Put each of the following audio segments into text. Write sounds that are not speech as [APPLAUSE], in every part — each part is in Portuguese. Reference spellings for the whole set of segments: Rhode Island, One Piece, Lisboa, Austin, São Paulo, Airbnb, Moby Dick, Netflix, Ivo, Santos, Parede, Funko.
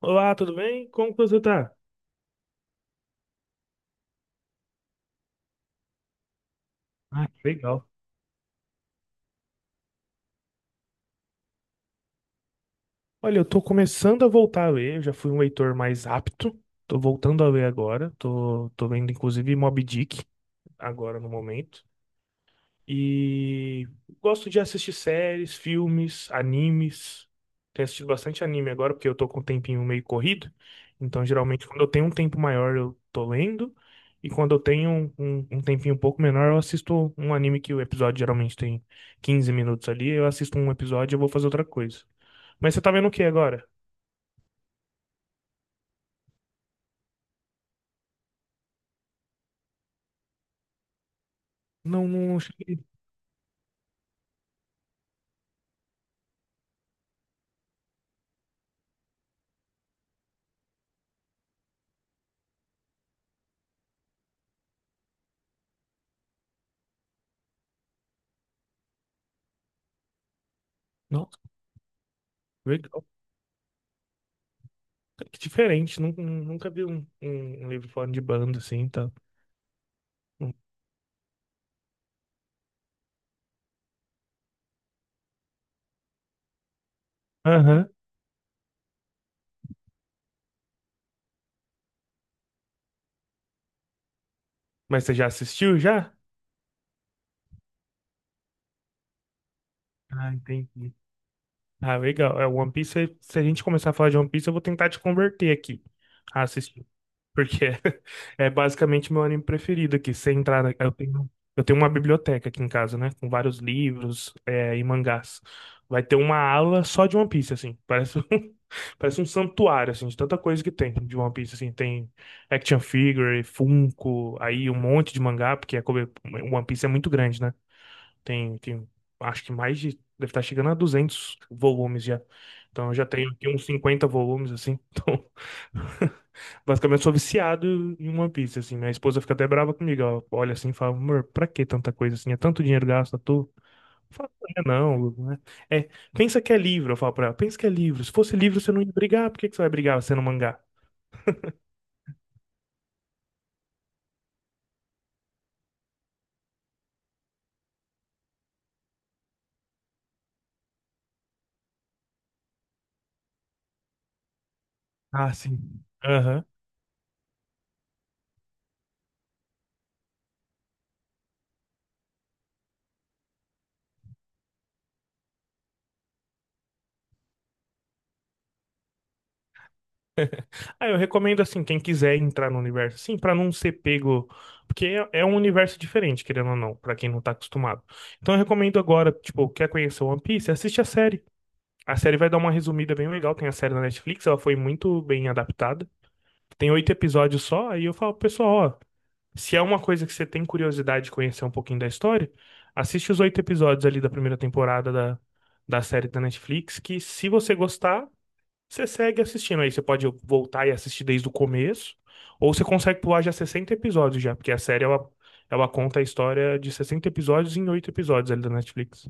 Olá, tudo bem? Como que você tá? Ah, que legal. Olha, eu tô começando a voltar a ler, eu já fui um leitor mais apto. Tô voltando a ler agora. Tô lendo inclusive Moby Dick agora no momento. E gosto de assistir séries, filmes, animes. Tenho assistido bastante anime agora, porque eu tô com um tempinho meio corrido. Então, geralmente, quando eu tenho um tempo maior, eu tô lendo. E quando eu tenho um tempinho um pouco menor, eu assisto um anime que o episódio geralmente tem 15 minutos ali. Eu assisto um episódio e eu vou fazer outra coisa. Mas você tá vendo o que agora? Não, não cheguei. Nossa, legal. Que diferente. Nunca vi um livro falando de banda assim, tá? Aham. Mas você já assistiu já? Ah, entendi. Ah, legal. É, One Piece, se a gente começar a falar de One Piece, eu vou tentar te converter aqui a assistir. Porque é, [LAUGHS] é basicamente meu anime preferido aqui. Se entrar, eu tenho uma biblioteca aqui em casa, né? Com vários livros, é, e mangás. Vai ter uma ala só de One Piece, assim. [LAUGHS] Parece um santuário, assim, de tanta coisa que tem de One Piece, assim. Tem action figure, Funko, aí um monte de mangá, porque é, One Piece é muito grande, né? Tem, acho que mais de, deve estar chegando a 200 volumes já. Então eu já tenho aqui uns 50 volumes, assim. Então, [LAUGHS] basicamente sou viciado em One Piece, assim. Minha esposa fica até brava comigo. Ela olha assim e fala, amor, pra que tanta coisa assim? É tanto dinheiro gasto à toa. Eu falo, não, é não, Lu, né? É, pensa que é livro, eu falo pra ela, pensa que é livro. Se fosse livro, você não ia brigar. Por que que você vai brigar sendo mangá? Ah, sim. Aham. Ah, eu recomendo assim, quem quiser entrar no universo, assim, pra não ser pego, porque é um universo diferente, querendo ou não, pra quem não tá acostumado. Então eu recomendo agora, tipo, quer conhecer One Piece, assiste a série. A série vai dar uma resumida bem legal, tem a série na Netflix, ela foi muito bem adaptada. Tem oito episódios só, aí eu falo, pessoal, ó, se é uma coisa que você tem curiosidade de conhecer um pouquinho da história, assiste os oito episódios ali da primeira temporada da série da Netflix, que se você gostar, você segue assistindo aí, você pode voltar e assistir desde o começo, ou você consegue pular já 60 episódios já, porque a série ela conta a história de 60 episódios em 8 episódios ali da Netflix.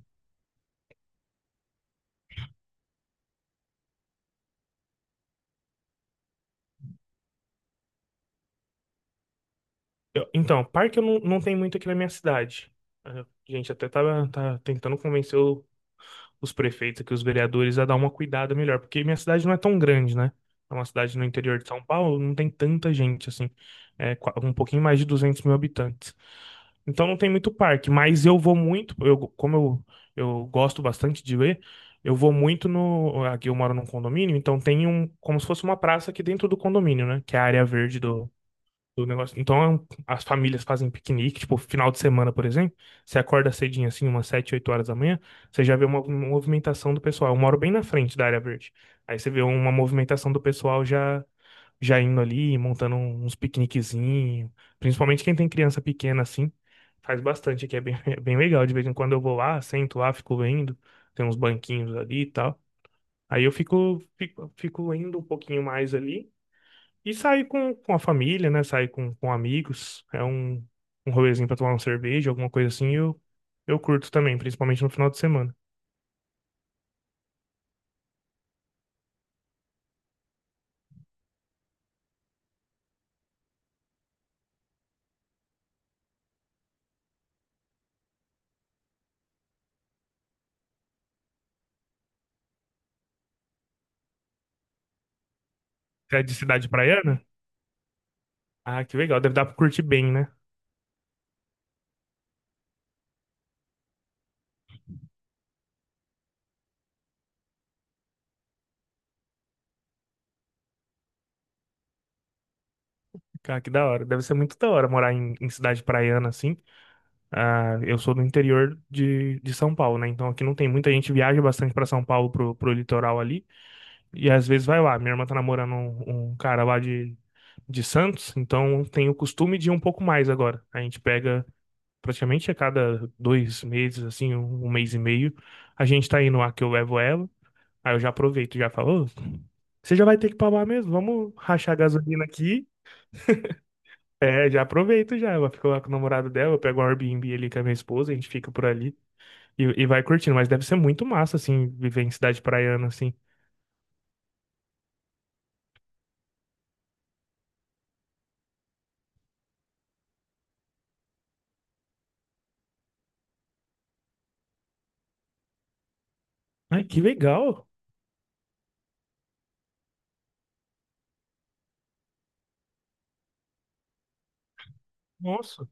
Então, parque eu não, não tem muito aqui na minha cidade. A gente até tá tentando convencer os prefeitos aqui, os vereadores, a dar uma cuidada melhor, porque minha cidade não é tão grande, né? É uma cidade no interior de São Paulo, não tem tanta gente assim, é um pouquinho mais de 200 mil habitantes. Então não tem muito parque, mas eu vou muito, eu, como eu gosto bastante de ler, eu vou muito no. Aqui eu moro num condomínio, então tem um, como se fosse uma praça aqui dentro do condomínio, né? Que é a área verde do negócio. Então as famílias fazem piquenique, tipo, final de semana, por exemplo. Você acorda cedinho assim, umas 7, 8 horas da manhã, você já vê uma movimentação do pessoal. Eu moro bem na frente da área verde. Aí você vê uma movimentação do pessoal já indo ali, montando uns piqueniquezinhos. Principalmente quem tem criança pequena assim, faz bastante aqui, é bem, [LAUGHS] é bem legal. De vez em quando eu vou lá, sento lá, fico vendo, tem uns banquinhos ali e tal. Aí eu fico indo um pouquinho mais ali e saio com a família, né? Saio com amigos, é um rolezinho pra tomar uma cerveja, alguma coisa assim, eu curto também, principalmente no final de semana. Você é de cidade praiana? Ah, que legal, deve dar pra curtir bem, né? Cara, que da hora. Deve ser muito da hora morar em, em cidade praiana, assim. Ah, eu sou do interior de São Paulo, né? Então aqui não tem muita gente viaja bastante pra São Paulo pro, pro litoral ali e às vezes vai lá. Minha irmã tá namorando um cara lá de Santos, então tem o costume de ir um pouco mais agora. A gente pega praticamente a cada 2 meses, assim, um mês e meio, a gente tá indo lá que eu levo ela. Aí eu já aproveito, já falo, "Ô, você já vai ter que ir lá mesmo? Vamos rachar a gasolina aqui. É, já aproveito já. Ela fica lá com o namorado dela, eu pego um Airbnb ali com a minha esposa, a gente fica por ali. E vai curtindo, mas deve ser muito massa, assim, viver em cidade praiana, assim. Ai, que legal! Nossa,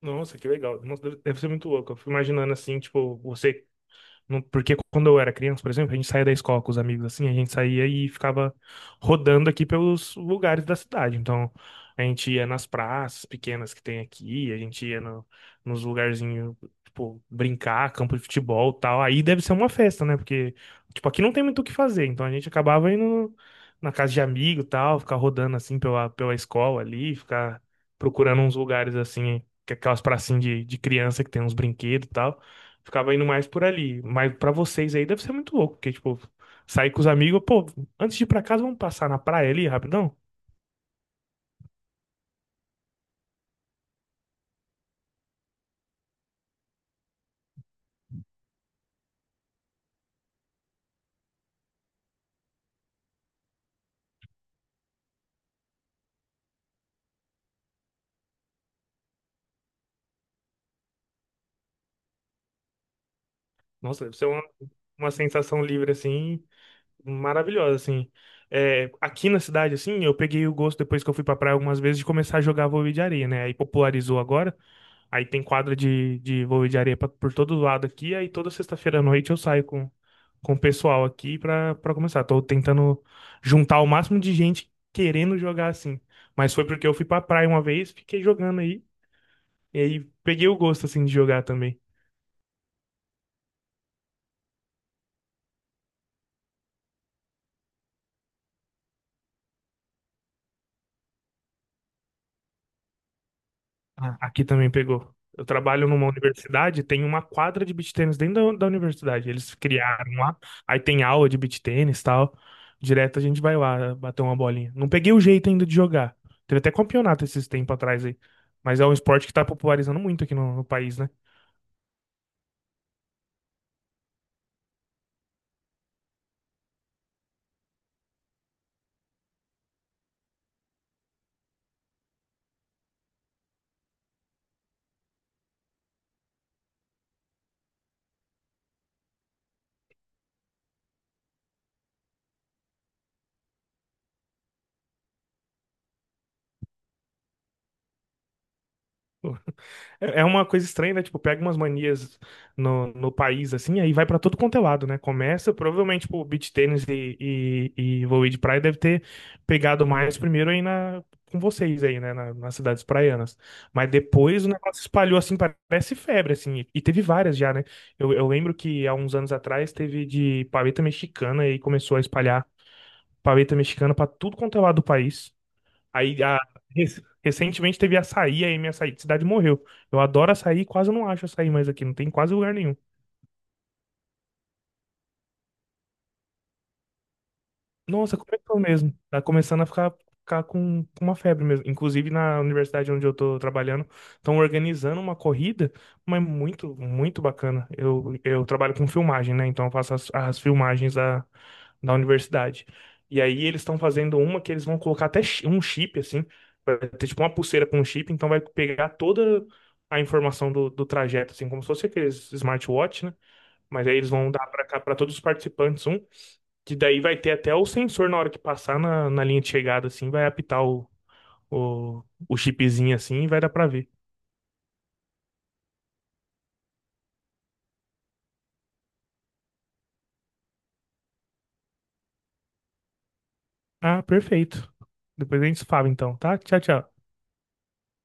nossa, que legal. Nossa, deve ser muito louco. Eu fico imaginando, assim, tipo, você Porque quando eu era criança, por exemplo, a gente saía da escola com os amigos assim, a gente saía e ficava rodando aqui pelos lugares da cidade. Então, a gente ia nas praças pequenas que tem aqui, a gente ia nos lugarzinhos, tipo, brincar, campo de futebol, e tal. Aí deve ser uma festa, né? Porque, tipo, aqui não tem muito o que fazer, então a gente acabava indo na casa de amigo, e tal, ficar rodando assim pela escola ali, ficar procurando uns lugares assim, que é aquelas pracinhas de criança que tem uns brinquedos, e tal. Ficava indo mais por ali. Mas pra vocês aí deve ser muito louco, porque, tipo, sair com os amigos, pô, antes de ir pra casa, vamos passar na praia ali rapidão? Nossa, deve ser uma sensação livre, assim, maravilhosa, assim. É, aqui na cidade, assim, eu peguei o gosto, depois que eu fui pra praia algumas vezes, de começar a jogar vôlei de areia, né? Aí popularizou agora. Aí tem quadra de vôlei de areia pra- por todo lado aqui. Aí toda sexta-feira à noite eu saio com o pessoal aqui pra, pra começar. Tô tentando juntar o máximo de gente querendo jogar assim. Mas foi porque eu fui pra praia uma vez, fiquei jogando aí. E aí peguei o gosto assim de jogar também. Ah, aqui também pegou. Eu trabalho numa universidade, tem uma quadra de beach tênis dentro da universidade. Eles criaram lá, aí tem aula de beach tênis e tal. Direto a gente vai lá bater uma bolinha. Não peguei o jeito ainda de jogar. Teve até campeonato esses tempos atrás aí. Mas é um esporte que tá popularizando muito aqui no, no país, né? É uma coisa estranha, né? Tipo, pega umas manias no país, assim, aí vai pra todo quanto é lado, né? Começa, provavelmente, tipo, beach tennis e vôlei de praia deve ter pegado mais primeiro aí na, com vocês aí, né? Nas cidades praianas. Mas depois o negócio espalhou, assim, parece febre, assim. E teve várias já, né? Eu lembro que há uns anos atrás teve de paleta mexicana e começou a espalhar paleta mexicana pra tudo quanto é lado do país. Aí, recentemente teve açaí, aí minha açaí de cidade morreu. Eu adoro açaí, quase não acho açaí mais aqui, não tem em quase lugar nenhum. Nossa, começou mesmo. Tá começando a ficar, com uma febre mesmo. Inclusive, na universidade onde eu tô trabalhando, estão organizando uma corrida, mas muito, muito bacana. Eu trabalho com filmagem, né? Então, eu faço as filmagens da universidade. E aí, eles estão fazendo uma que eles vão colocar até um chip, assim. Vai ter tipo uma pulseira com um chip, então vai pegar toda a informação do trajeto, assim, como se fosse aqueles smartwatch, né? Mas aí eles vão dar para cá para todos os participantes um, que daí vai ter até o sensor na hora que passar na, linha de chegada, assim, vai apitar o chipzinho assim e vai dar pra ver. Ah, perfeito. Depois a gente se fala então, tá? Tchau, tchau.